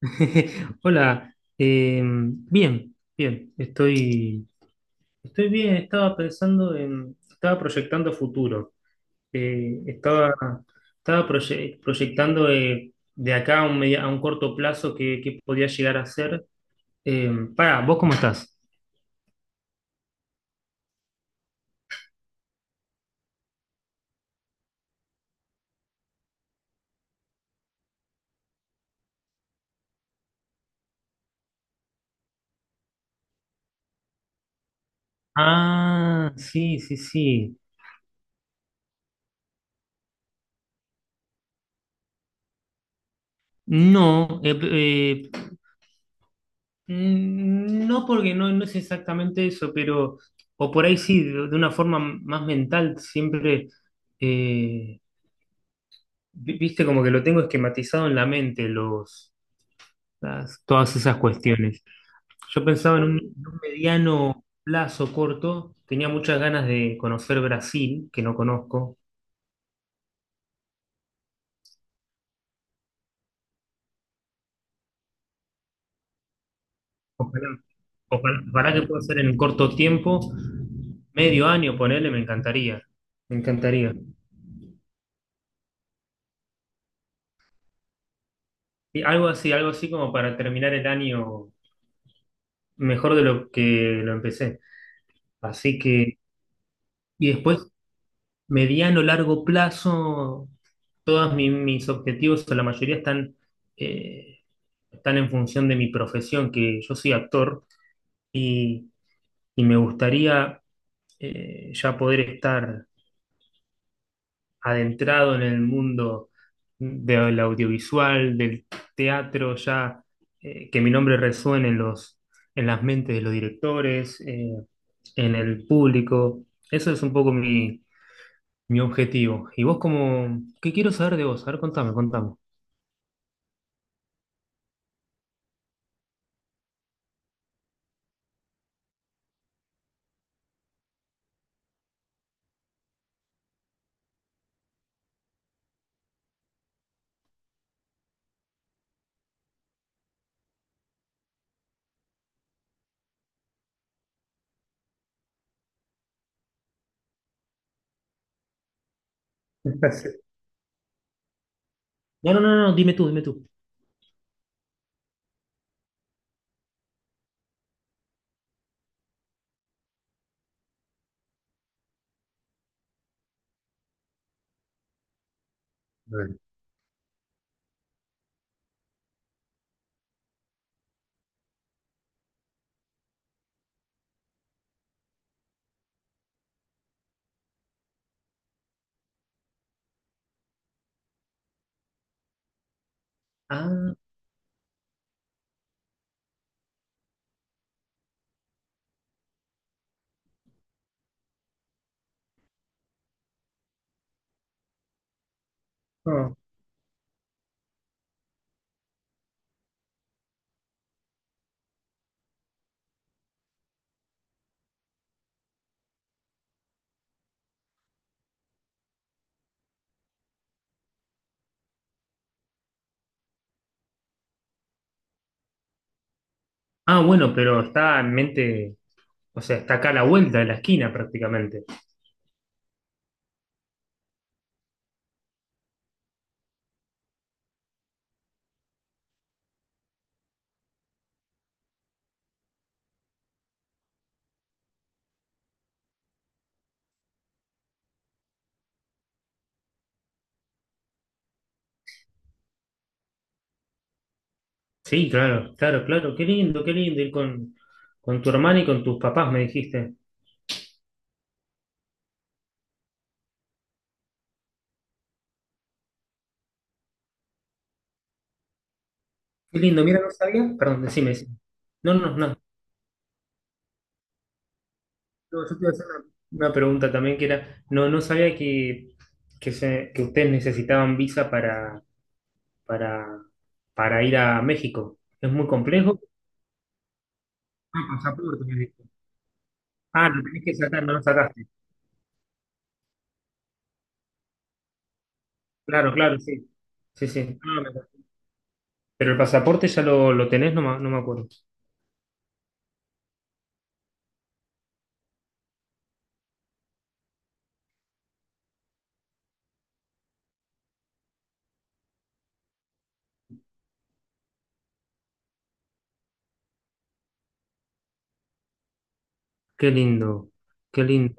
Hola, bien, estoy bien. Estaba estaba proyectando futuro. Eh, estaba, estaba proyectando, de acá a a un corto plazo que podía llegar a ser. Eh, pará, ¿vos cómo estás? Ah, sí, sí, sí. No, eh, eh, No porque no es exactamente eso, pero, o por ahí sí, de una forma más mental, siempre, eh, viste, como que lo tengo esquematizado en la mente, todas esas cuestiones. Yo pensaba en un mediano plazo corto, tenía muchas ganas de conocer Brasil, que no conozco. ojalá, Ojalá que pueda ser en corto tiempo, medio año, ponele. Me encantaría. Y algo así como para terminar el año mejor de lo que lo empecé. Así que, y después, mediano, largo plazo, todos mis objetivos, o la mayoría están, eh, están en función de mi profesión, que yo soy actor y, y me gustaría, ya poder estar adentrado en el mundo del audiovisual, del teatro. Ya, que mi nombre resuene en los, en las mentes de los directores, en el público. Eso es un poco mi objetivo. ¿Y vos cómo, qué quiero saber de vos? A ver, contame, contame. No, no, no, no, Dime tú, dime tú. Ah, no. Ah, bueno, pero está en mente, o sea, está acá a la vuelta de la esquina prácticamente. Sí, claro, claro, claro. Qué lindo ir con tu hermana y con tus papás, me dijiste. Qué lindo, mira, no sabía. Perdón, decime, decime. No, no, no. No, Yo te iba a hacer una pregunta también que era, no, no sabía que, que ustedes necesitaban visa para, para ir a México. Es muy complejo. Ah, pasaporte, me dijiste. Ah, lo tenés que sacar, no lo sacaste. Claro, claro, sí. Sí, sí. Pero el pasaporte ya lo tenés, no, no me acuerdo. Qué lindo, qué lindo.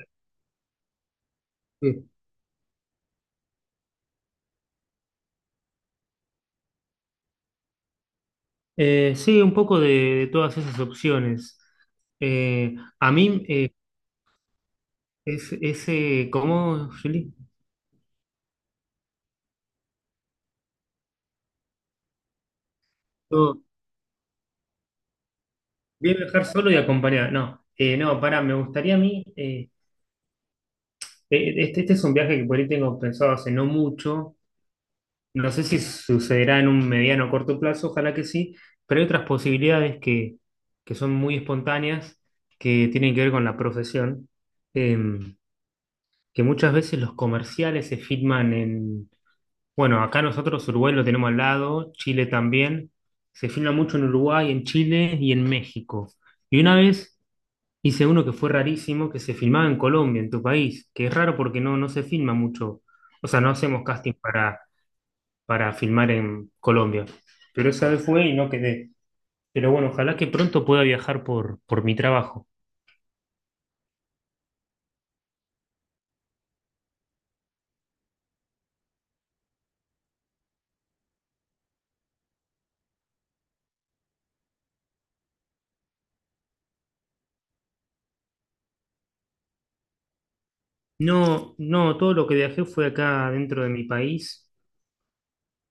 Sí, un poco de todas esas opciones. Eh, a mí, es ese, ¿cómo, Juli? Yo, bien viajar solo y acompañar. No, para me gustaría a mí, este es un viaje que por ahí tengo pensado hace no mucho, no sé si sucederá en un mediano o corto plazo, ojalá que sí, pero hay otras posibilidades que son muy espontáneas, que tienen que ver con la profesión. em, que muchas veces los comerciales se filman en... Bueno, acá nosotros Uruguay lo tenemos al lado, Chile también. Se filma mucho en Uruguay, en Chile y en México. Y una vez hice uno que fue rarísimo, que se filmaba en Colombia, en tu país, que es raro porque no, no se filma mucho. O sea, no hacemos casting para filmar en Colombia. Pero esa vez fue y no quedé. Pero bueno, ojalá que pronto pueda viajar por mi trabajo. No, no, todo lo que viajé fue acá dentro de mi país.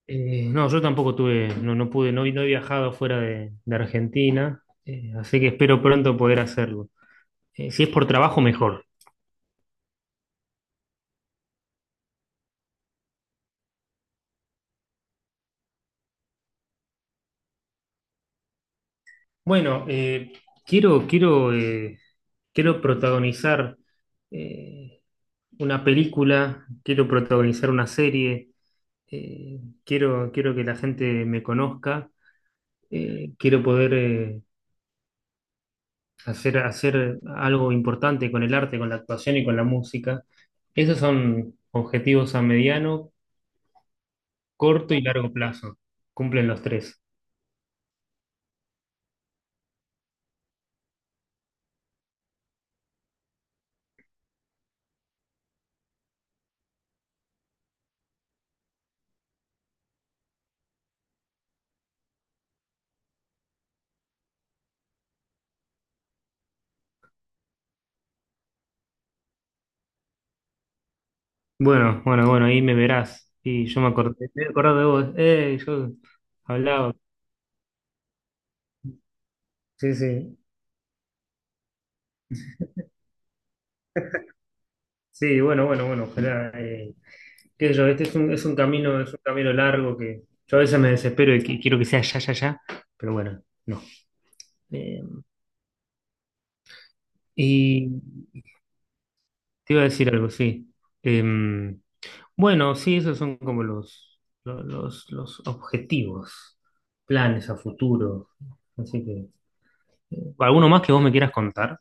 No, yo tampoco tuve, no pude, no he viajado fuera de Argentina, así que espero pronto poder hacerlo. Si es por trabajo, mejor. Bueno, quiero, quiero, eh, quiero protagonizar, eh, una película, quiero protagonizar una serie, eh, quiero que la gente me conozca, quiero poder, hacer algo importante con el arte, con la actuación y con la música. Esos son objetivos a mediano corto y largo plazo. Cumplen los tres. Bueno, bueno, bueno, ahí me verás. Y yo me acordé de vos. Yo hablaba. Sí, sí. Sí, bueno, bueno, bueno, ojalá. Qué sé yo, este es es un camino largo que yo a veces me desespero y quiero que sea ya, ya, ya, pero bueno, no. Eh, y te iba a decir algo, sí. Em, bueno, sí, esos son como los, los objetivos, planes a futuro. Así que. ¿Alguno más que vos me quieras contar?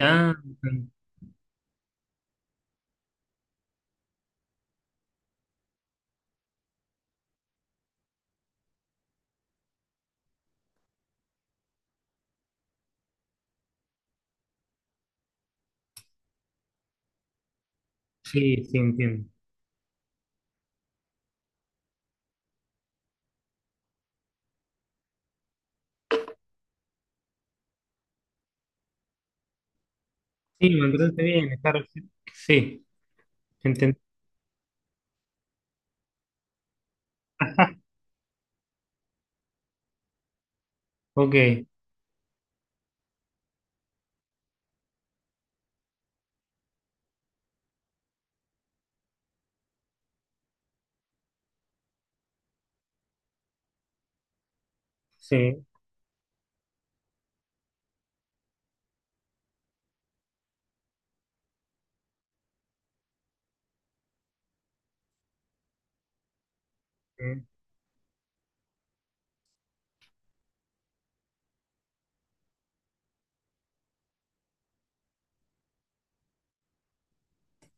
Ah, sí, sí, entiendo. Sí, me mantenerte bien, estar... Sí, entiendo. Ok, sí, eh,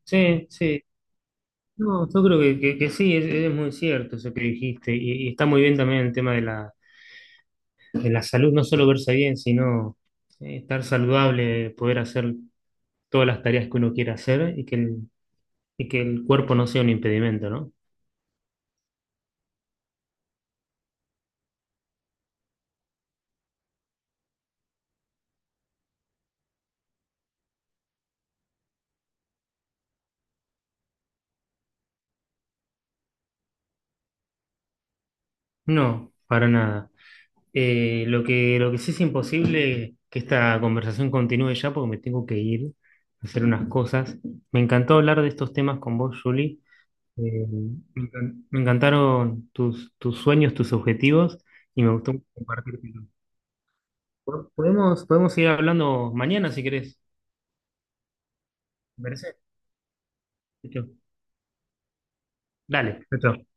sí, sí. No, yo creo que, que sí, es muy cierto eso que dijiste. Y está muy bien también el tema de la salud, no solo verse bien, sino estar saludable, poder hacer todas las tareas que uno quiera hacer y que el cuerpo no sea un impedimento, ¿no? No, para nada. Lo que, lo que sí es imposible que esta conversación continúe ya porque me tengo que ir a hacer unas cosas. Me encantó hablar de estos temas con vos, Julie. Eh, Me encantaron tus, tus sueños, tus objetivos y me gustó compartir. Podemos, podemos seguir hablando mañana si querés. ¿Te parece? Listo. Dale, chao. Chao.